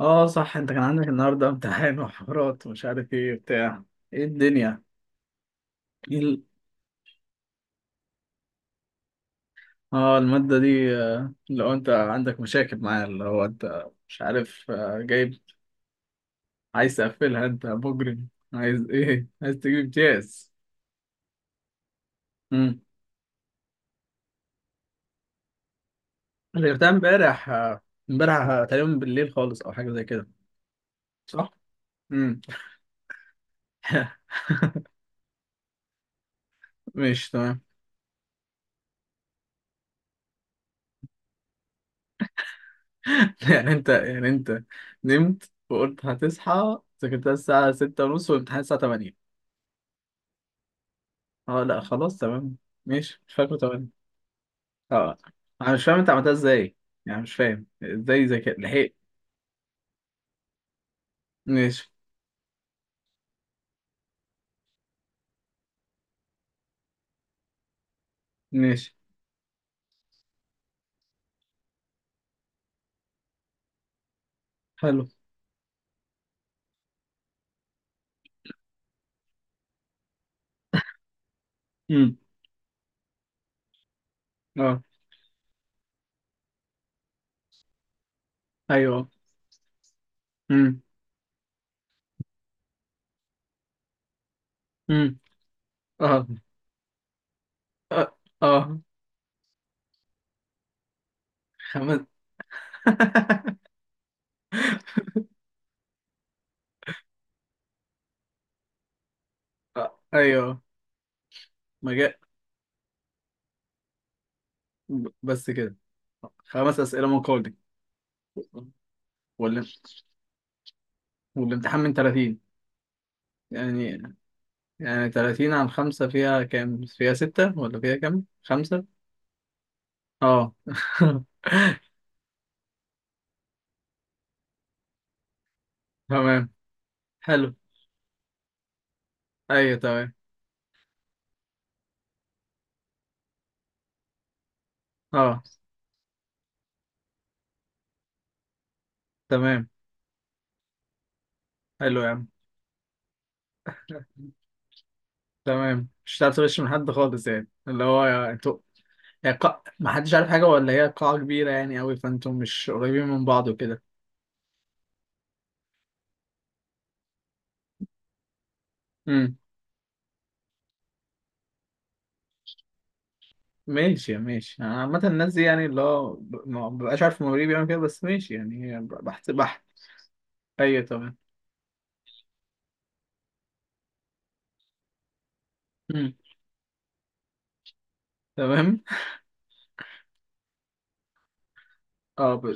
اه صح، انت كان عندك النهارده امتحان وحوارات ومش عارف ايه بتاع ايه الدنيا. ايه ال- اه المادة دي، لو انت عندك مشاكل معاها اللي هو انت مش عارف، جايب عايز تقفلها انت مجرم. عايز ايه عايز تجيب امتياز؟ امم. غيرتها امبارح، تقريبا بالليل خالص او حاجة زي كده. صح؟ امم. ماشي تمام. يعني انت نمت وقلت هتصحى ذاكرتها الساعة ستة ونص والامتحان الساعة تمانية. اه لا خلاص تمام. ماشي، مش فاكره. تمام. اه، انا مش فاهم انت عملتها ازاي. يعني مش فاهم ازاي ذكاء لحقت. ماشي ماشي. حلو. امم. اه. ايوه. امم. امم. اه اه. اه، خمس؟ آه. ايوه. ما جاء. بس كده. خمس اسئله مقالي. وال... والامتحان من 30 يعني. يعني، 30 عن خمسة فيها كام؟ فيها ستة ولا فيها كام؟ خمسة؟ اه. تمام. حلو. ايوه تمام. اه تمام. حلو يا عم. تمام، مش هتعرف تغش من حد خالص. يعني اللي هو انتوا، ما حدش عارف حاجه ولا هي قاعه كبيره يعني قوي فانتوا مش قريبين من بعض وكده. امم. ماشي ماشي، انا عامه الناس دي يعني اللي هو ما ببقاش عارف المواليد بيعمل كده بس ماشي يعني. هي بحت بحت. ايوه تمام. امم. تمام. اه ب...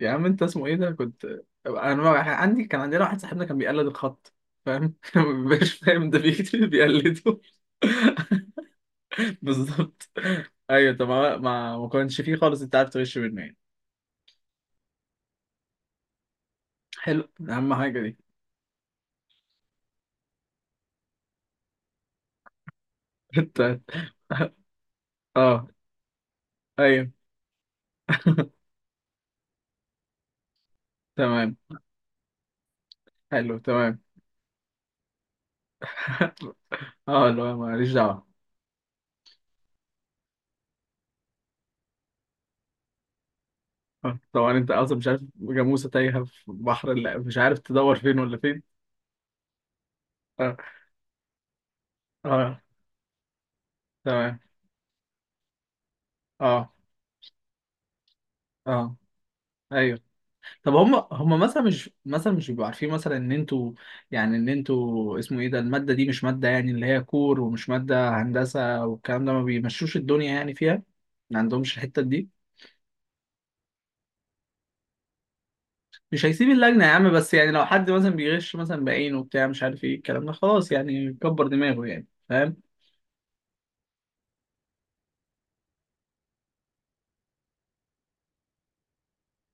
يا عم، انت اسمه ايه ده كنت. انا ما- عندي كان عندنا واحد صاحبنا كان بيقلد الخط. فاهم؟ ما بيبقاش فاهم ده، بيكتب بيقلده. بالظبط. ايوه. طب ما كانش فيه خالص، انت عارف تغش منه يعني. حلو، اهم حاجه دي. انت. اه. ايوه. تمام. حلو. تمام. اه لا، ماليش دعوه. طبعا انت اصلا مش عارف، جاموسه تايهه في بحر، لا مش عارف تدور فين ولا فين. اه اه. تمام. اه اه. ايوه. طب هم مثلا مش مش بيبقوا عارفين مثلا ان انتوا. يعني ان انتوا اسمه ايه ده، المادة دي مش مادة يعني اللي هي كور، ومش مادة هندسة والكلام ده ما بيمشوش الدنيا يعني فيها. ما عندهمش الحتة دي. مش هيسيب اللجنة يا عم، بس يعني لو حد مثلا بيغش مثلا بعينه وبتاع مش عارف ايه الكلام ده خلاص يعني كبر دماغه يعني. فاهم؟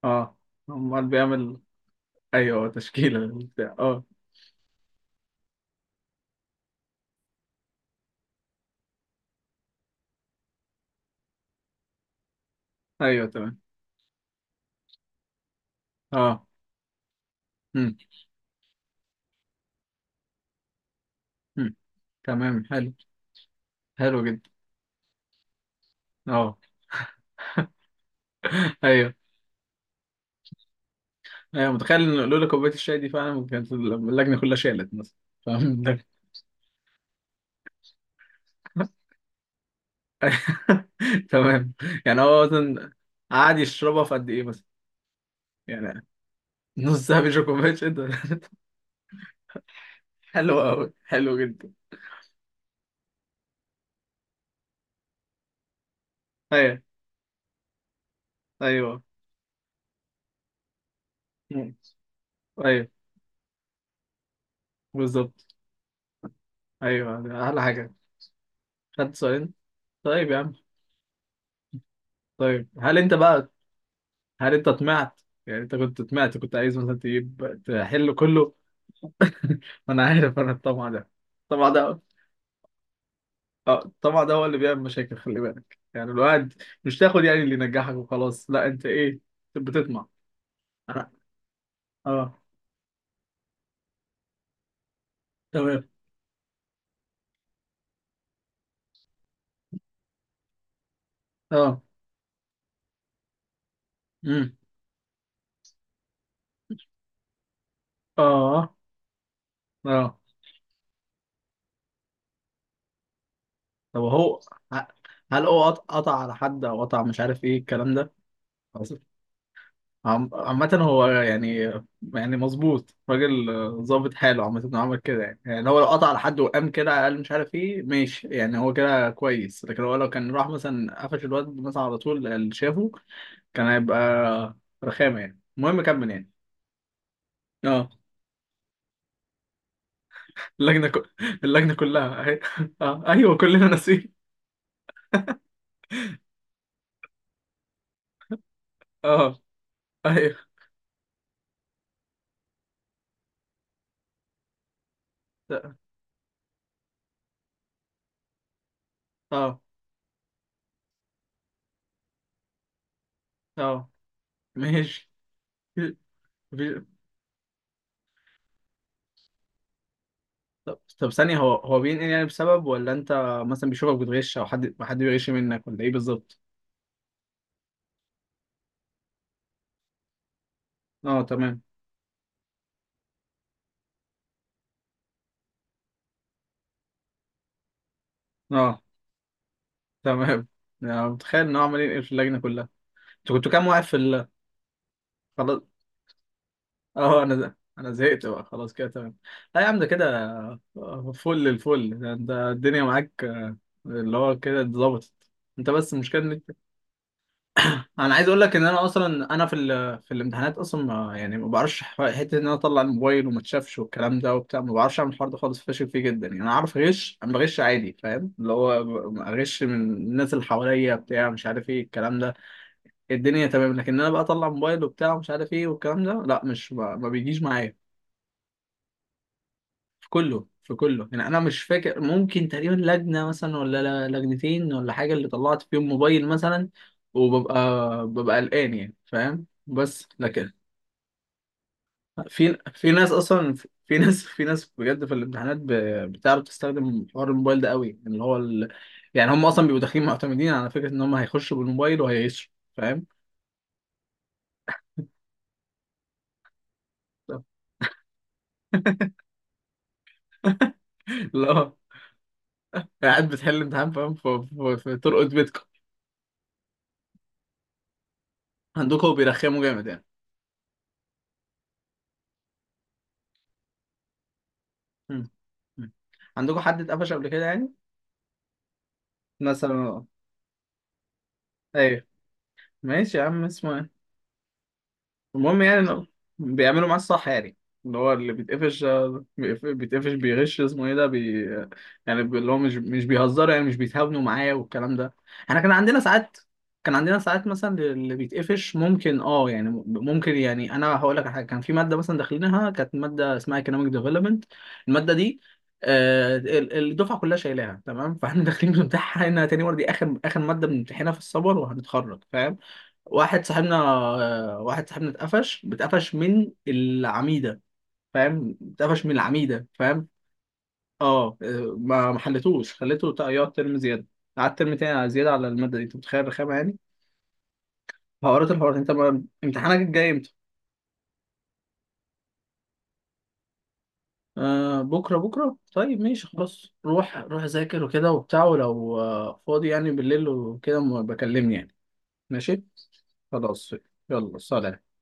اه. امال بيعمل. ايوه تشكيلة وبتاع، اه. ايوه تمام. اه. امم. امم. تمام. حلو. حلو جدا. اه. ايوه. ايوه، متخيل ان لولا كوبايه الشاي دي فعلا كانت اللجنه كلها شالت مثلا. فاهم؟ تمام. يعني هو مثلا قعد يشربها في قد ايه مثلا؟ يعني نص ساعه بيشرب كوبايه شاي ده؟ حلو قوي، حلو جدا. ايوه. ايوه. مم. ايوه بالظبط. ايوه احلى حاجه. خدت سؤالين. طيب يا عم. طيب، هل انت بقى هل انت طمعت؟ يعني انت كنت طمعت، كنت عايز مثلا تجيب تحل كله. انا عارف انا الطمع ده، الطمع ده. اه طبعا، ده هو اللي بيعمل مشاكل، خلي بالك يعني، الواحد مش تاخد يعني اللي ينجحك وخلاص، لا انت ايه، بتطمع. انا. اه. تمام. اه. امم. اه اه. طب هو ه- هل هو قطع على حد او قطع مش عارف ايه الكلام ده حصل. عامة هو يعني، يعني مظبوط راجل، ظابط حاله. عامة انه عمل كده يعني، يعني هو لو قطع على حد وقام كده قال مش عارف ايه ماشي يعني هو كده كويس. لكن هو لو كان راح مثلا قفش الواد مثلا على طول اللي شافه كان هيبقى رخامة يعني. المهم كمل يعني. اه. اللجنة ك... اللجنة كلها اهي. اه ايوه كلنا ناسيين. اه ايوه. اه. اه. ماشي. في- طب طب، ثانية، هو بينقل يعني بسبب، ولا انت مثلا بيشوفك بتغش، او حد بيغش منك، ولا ايه بالظبط؟ اه تمام. اه تمام. يعني متخيل ان هو عمال ينقل في اللجنة كلها. انتوا كنتوا كام واقف في ال... خلاص، اه انا ده. انا زهقت بقى خلاص كده تمام. لا يا عم ده كده، فل الفل ده، انت الدنيا معاك، اللي هو كده اتظبطت. انت بس مش كده. انا عايز اقول لك ان انا اصلا انا في ال... في الامتحانات اصلا يعني ما بعرفش حته ان انا اطلع الموبايل وما اتشافش والكلام ده وبتاع، ما بعرفش اعمل الحوار ده خالص، فاشل فيه جدا يعني. انا عارف اغش، انا بغش عادي فاهم، اللي هو اغش من الناس اللي حواليا بتاع مش عارف ايه الكلام ده الدنيا تمام. لكن انا بقى اطلع موبايل وبتاع مش عارف ايه والكلام ده لا، مش ما بيجيش معايا. في كله، في كله. يعني انا مش فاكر، ممكن تقريبا لجنه مثلا ولا لجنتين ولا حاجه اللي طلعت فيهم موبايل مثلا. وببقى، ببقى قلقان يعني، فاهم؟ بس لكن، في في ناس اصلا، في ناس، في ناس بجد في الامتحانات بتعرف تستخدم حوار الموبايل ده قوي اللي هو ال... يعني هم اصلا بيبقوا داخلين معتمدين على فكره ان هم هيخشوا بالموبايل وهيعيشوا. فاهم؟ لا قاعد بتحل امتحان فاهم، ترقد بيتكم. عندكم بيرخموا جامد يعني؟ مم. مم. عندكم حد اتقفش قبل كده يعني، مثلا؟ ايوه. ماشي يا عم اسمه. المهم يعني إنه بيعملوا معاه الصح يعني. اللي هو اللي بيتقفش، بيتقفش بيغش اسمه ايه ده بي، يعني اللي هو مش بيهزروا يعني مش بيتهاونوا معايا والكلام ده. احنا كان عندنا ساعات، كان عندنا ساعات مثلا اللي بيتقفش ممكن اه يعني ممكن، يعني انا هقول لك على حاجه، كان في ماده مثلا داخلينها، كانت ماده اسمها economic development. الماده دي، الدفعه كلها شايلاها تمام. فاحنا داخلين بنمتحنها تاني مره. دي اخر اخر ماده بنمتحنها في السمر وهنتخرج، فاهم؟ واحد صاحبنا، واحد صاحبنا اتقفش، بتقفش من العميدة فاهم، اتقفش من العميدة فاهم. اه، ما ما حلتوش، خليته يقعد ترم زيادة. قعد ترم تاني على زيادة على المادة دي، انت متخيل رخامة يعني. حوارات الحوارات. انت ما... امتحانك الجاي امتى؟ آه بكرة. بكرة طيب ماشي خلاص، روح روح ذاكر وكده وبتاع، ولو فاضي يعني بالليل وكده بكلمني يعني. ماشي. خلاص. يلا سلام.